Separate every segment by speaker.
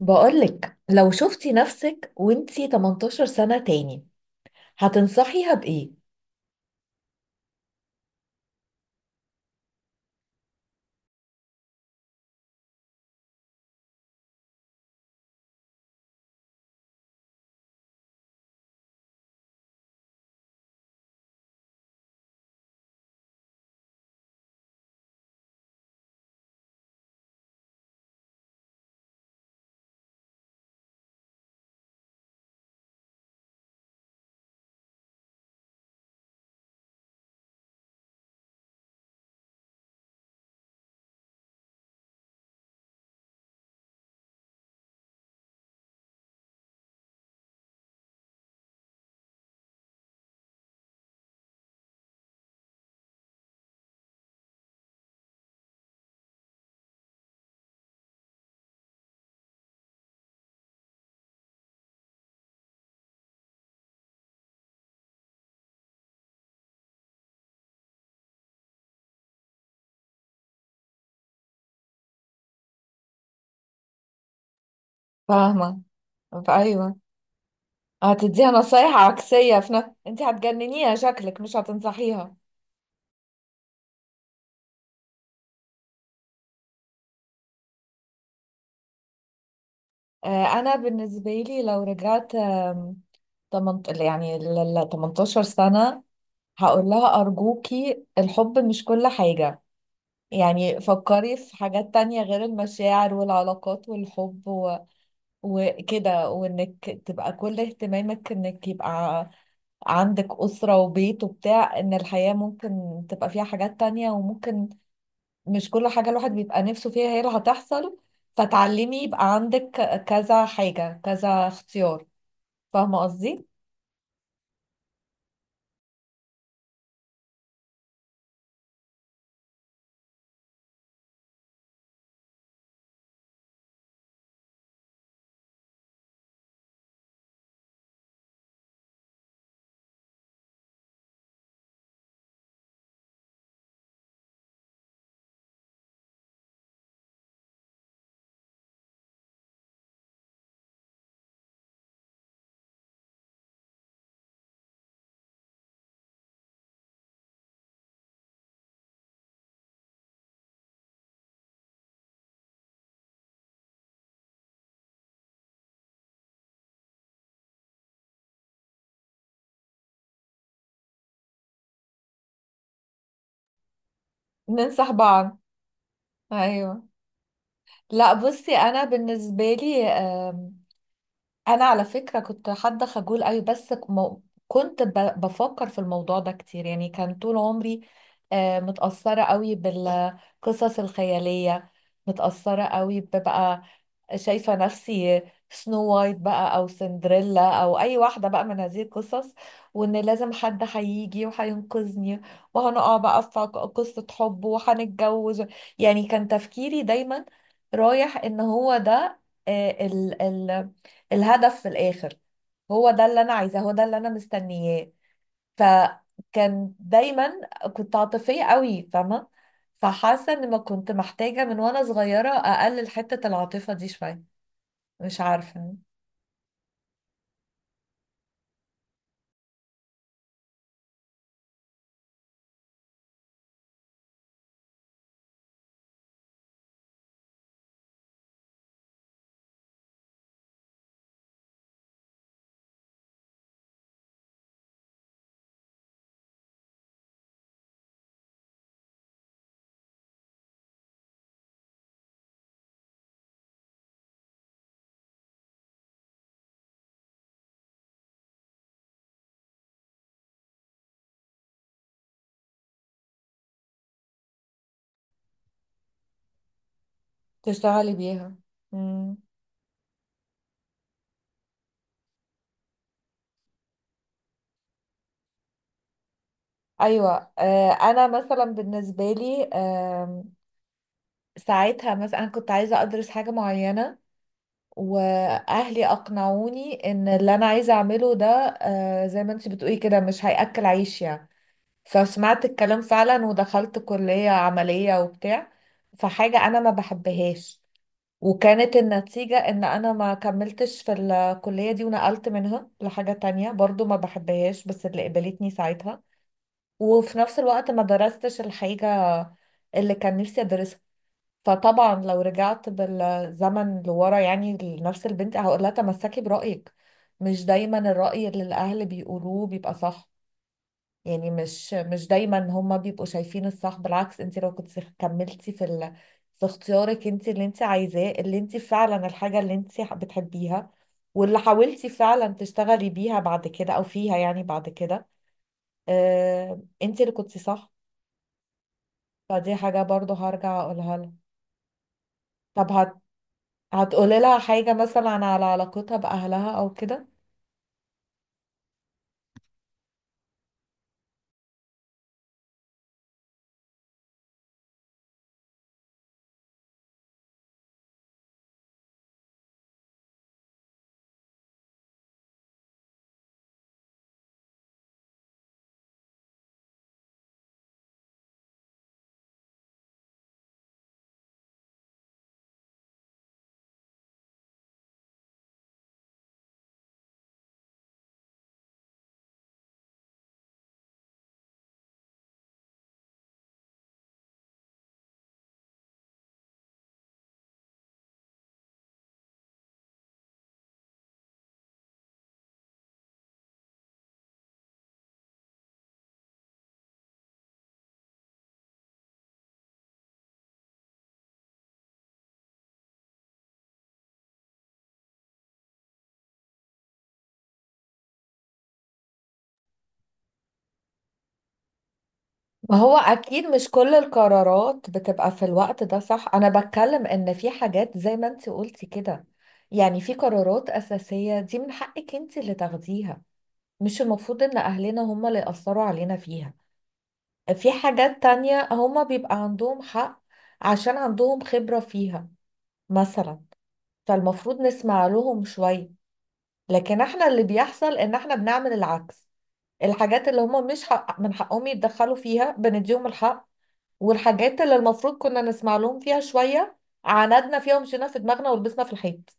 Speaker 1: بقولك لو شفتي نفسك وانتي 18 سنة تاني، هتنصحيها بإيه؟ فاهمة. أيوة، هتديها نصايح عكسية في نفس. انت هتجننيها، شكلك مش هتنصحيها. أنا بالنسبة لي لو رجعت تمنت... يعني 18 سنة، هقول لها أرجوكي الحب مش كل حاجة. يعني فكري في حاجات تانية غير المشاعر والعلاقات والحب و... وكده، وإنك تبقى كل اهتمامك إنك يبقى عندك أسرة وبيت وبتاع. إن الحياة ممكن تبقى فيها حاجات تانية، وممكن مش كل حاجة الواحد بيبقى نفسه فيها هي اللي هتحصل. فتعلمي يبقى عندك كذا حاجة، كذا اختيار. فاهمة قصدي؟ ننصح بعض. أيوه. لا بصي، أنا بالنسبة لي أنا على فكرة كنت حد خجول أوي، بس كنت بفكر في الموضوع ده كتير. يعني كان طول عمري متأثرة أوي بالقصص الخيالية، متأثرة قوي، ببقى شايفة نفسي سنو وايت بقى، أو سندريلا، أو أي واحدة بقى من هذه القصص. وإن لازم حد هيجي وهينقذني، وهنقع بقى في قصة حب وهنتجوز. يعني كان تفكيري دايما رايح إن هو ده، ال الهدف في الآخر، هو ده اللي أنا عايزاه، هو ده اللي أنا مستنياه. فكان دايما كنت عاطفية قوي، فاهمة. فحاسة إن ما كنت محتاجة من وأنا صغيرة أقلل حتة العاطفة دي شوية، مش عارفة. تشتغلي بيها. مم. أيوة. آه، أنا مثلا بالنسبة لي، آه، ساعتها مثلا أنا كنت عايزة أدرس حاجة معينة، وأهلي أقنعوني إن اللي أنا عايزة أعمله ده، آه زي ما أنت بتقولي كده، مش هيأكل عيش يعني. فسمعت الكلام فعلا ودخلت كلية عملية وبتاع. فحاجة أنا ما بحبهاش. وكانت النتيجة ان انا ما كملتش في الكلية دي، ونقلت منها لحاجة تانية برضو ما بحبهاش، بس اللي قبلتني ساعتها. وفي نفس الوقت ما درستش الحاجة اللي كان نفسي ادرسها. فطبعا لو رجعت بالزمن لورا، يعني لنفس البنت، هقول لها تمسكي برأيك. مش دايما الرأي اللي الاهل بيقولوه بيبقى صح. يعني مش دايما هما بيبقوا شايفين الصح. بالعكس، انت لو كنت كملتي في ال... في اختيارك، انت اللي انت عايزاه، اللي انت فعلا الحاجة اللي انت بتحبيها، واللي حاولتي فعلا تشتغلي بيها بعد كده، او فيها يعني بعد كده، اه... انت اللي كنت صح. فدي حاجة برضو هرجع اقولها لها. طب هتقولي لها حاجة مثلا على علاقتها بأهلها او كده. ما هو اكيد مش كل القرارات بتبقى في الوقت ده صح. انا بتكلم ان في حاجات زي ما انت قلتي كده، يعني في قرارات اساسية دي من حقك انت اللي تاخديها، مش المفروض ان اهلنا هم اللي يأثروا علينا فيها. في حاجات تانية هم بيبقى عندهم حق، عشان عندهم خبرة فيها مثلا، فالمفروض نسمع لهم شوية. لكن احنا اللي بيحصل ان احنا بنعمل العكس. الحاجات اللي هم مش حق من حقهم يتدخلوا فيها بنديهم الحق، والحاجات اللي المفروض كنا نسمع لهم فيها شوية عاندنا فيها ومشينا في دماغنا ولبسنا في الحيط.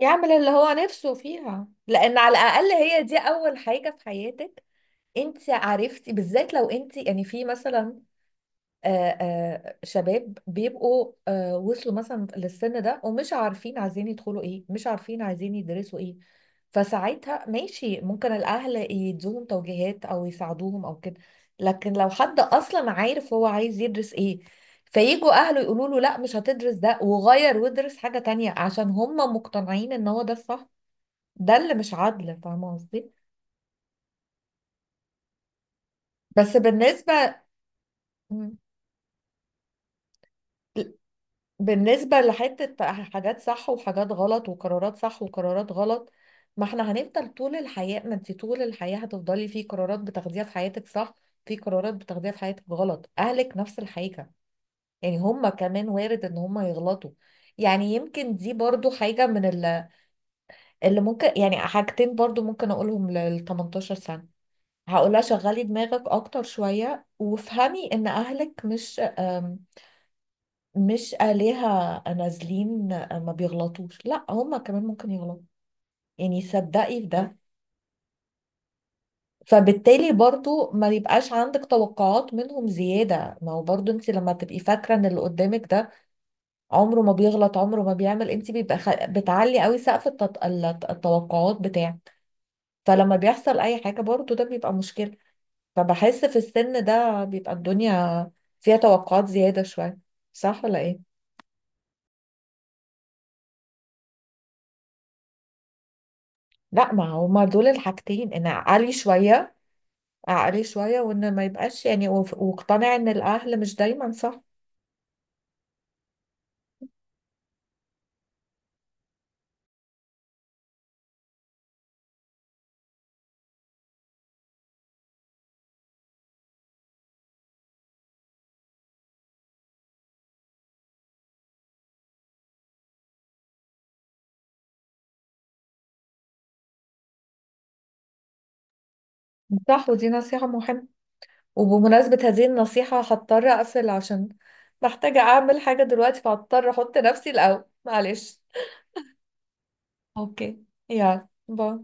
Speaker 1: يعمل اللي هو نفسه فيها، لأن على الأقل هي دي أول حاجة في حياتك انت عرفتي بالذات. لو انت يعني في مثلا، شباب بيبقوا، وصلوا مثلا للسن ده ومش عارفين عايزين يدخلوا ايه، مش عارفين عايزين يدرسوا ايه، فساعتها ماشي، ممكن الاهل يدوهم توجيهات او يساعدوهم او كده. لكن لو حد اصلا عارف هو عايز يدرس ايه، فيجوا اهله يقولوا له لا مش هتدرس ده وغير وادرس حاجة تانية عشان هم مقتنعين ان هو ده الصح، ده اللي مش عدل. فاهمة قصدي؟ بس بالنسبة. مم. بالنسبة لحتة حاجات صح وحاجات غلط، وقرارات صح وقرارات غلط، ما احنا هنفضل طول الحياة. ما انت طول الحياة هتفضلي في قرارات بتاخديها في حياتك صح، في قرارات بتاخديها في حياتك غلط. اهلك نفس الحاجة، يعني هما كمان وارد ان هما يغلطوا. يعني يمكن دي برضو حاجة من اللي ممكن، يعني حاجتين برضو ممكن اقولهم لل 18 سنة. هقولها شغلي دماغك اكتر شوية، وافهمي ان اهلك مش آلهة نازلين، ما بيغلطوش. لا، هما كمان ممكن يغلطوا، يعني صدقي في ده. فبالتالي برضو ما يبقاش عندك توقعات منهم زيادة. ما هو برضو انت لما تبقي فاكرة ان اللي قدامك ده عمره ما بيغلط عمره ما بيعمل، انت بيبقى بتعلي قوي سقف التوقعات بتاعك. فلما بيحصل اي حاجة برضو ده بيبقى مشكلة. فبحس في السن ده بيبقى الدنيا فيها توقعات زيادة شوية، صح ولا ايه؟ لا، ما هما دول الحاجتين: انا عالي شوية عقلي شوية، وإن ما يبقاش يعني واقتنع إن الأهل مش دايما صح. صح، ودي نصيحة مهمة. وبمناسبة هذه النصيحة هضطر أقفل، عشان محتاجة أعمل حاجة دلوقتي، فهضطر أحط نفسي الأول، معلش. اوكي، يلا باي.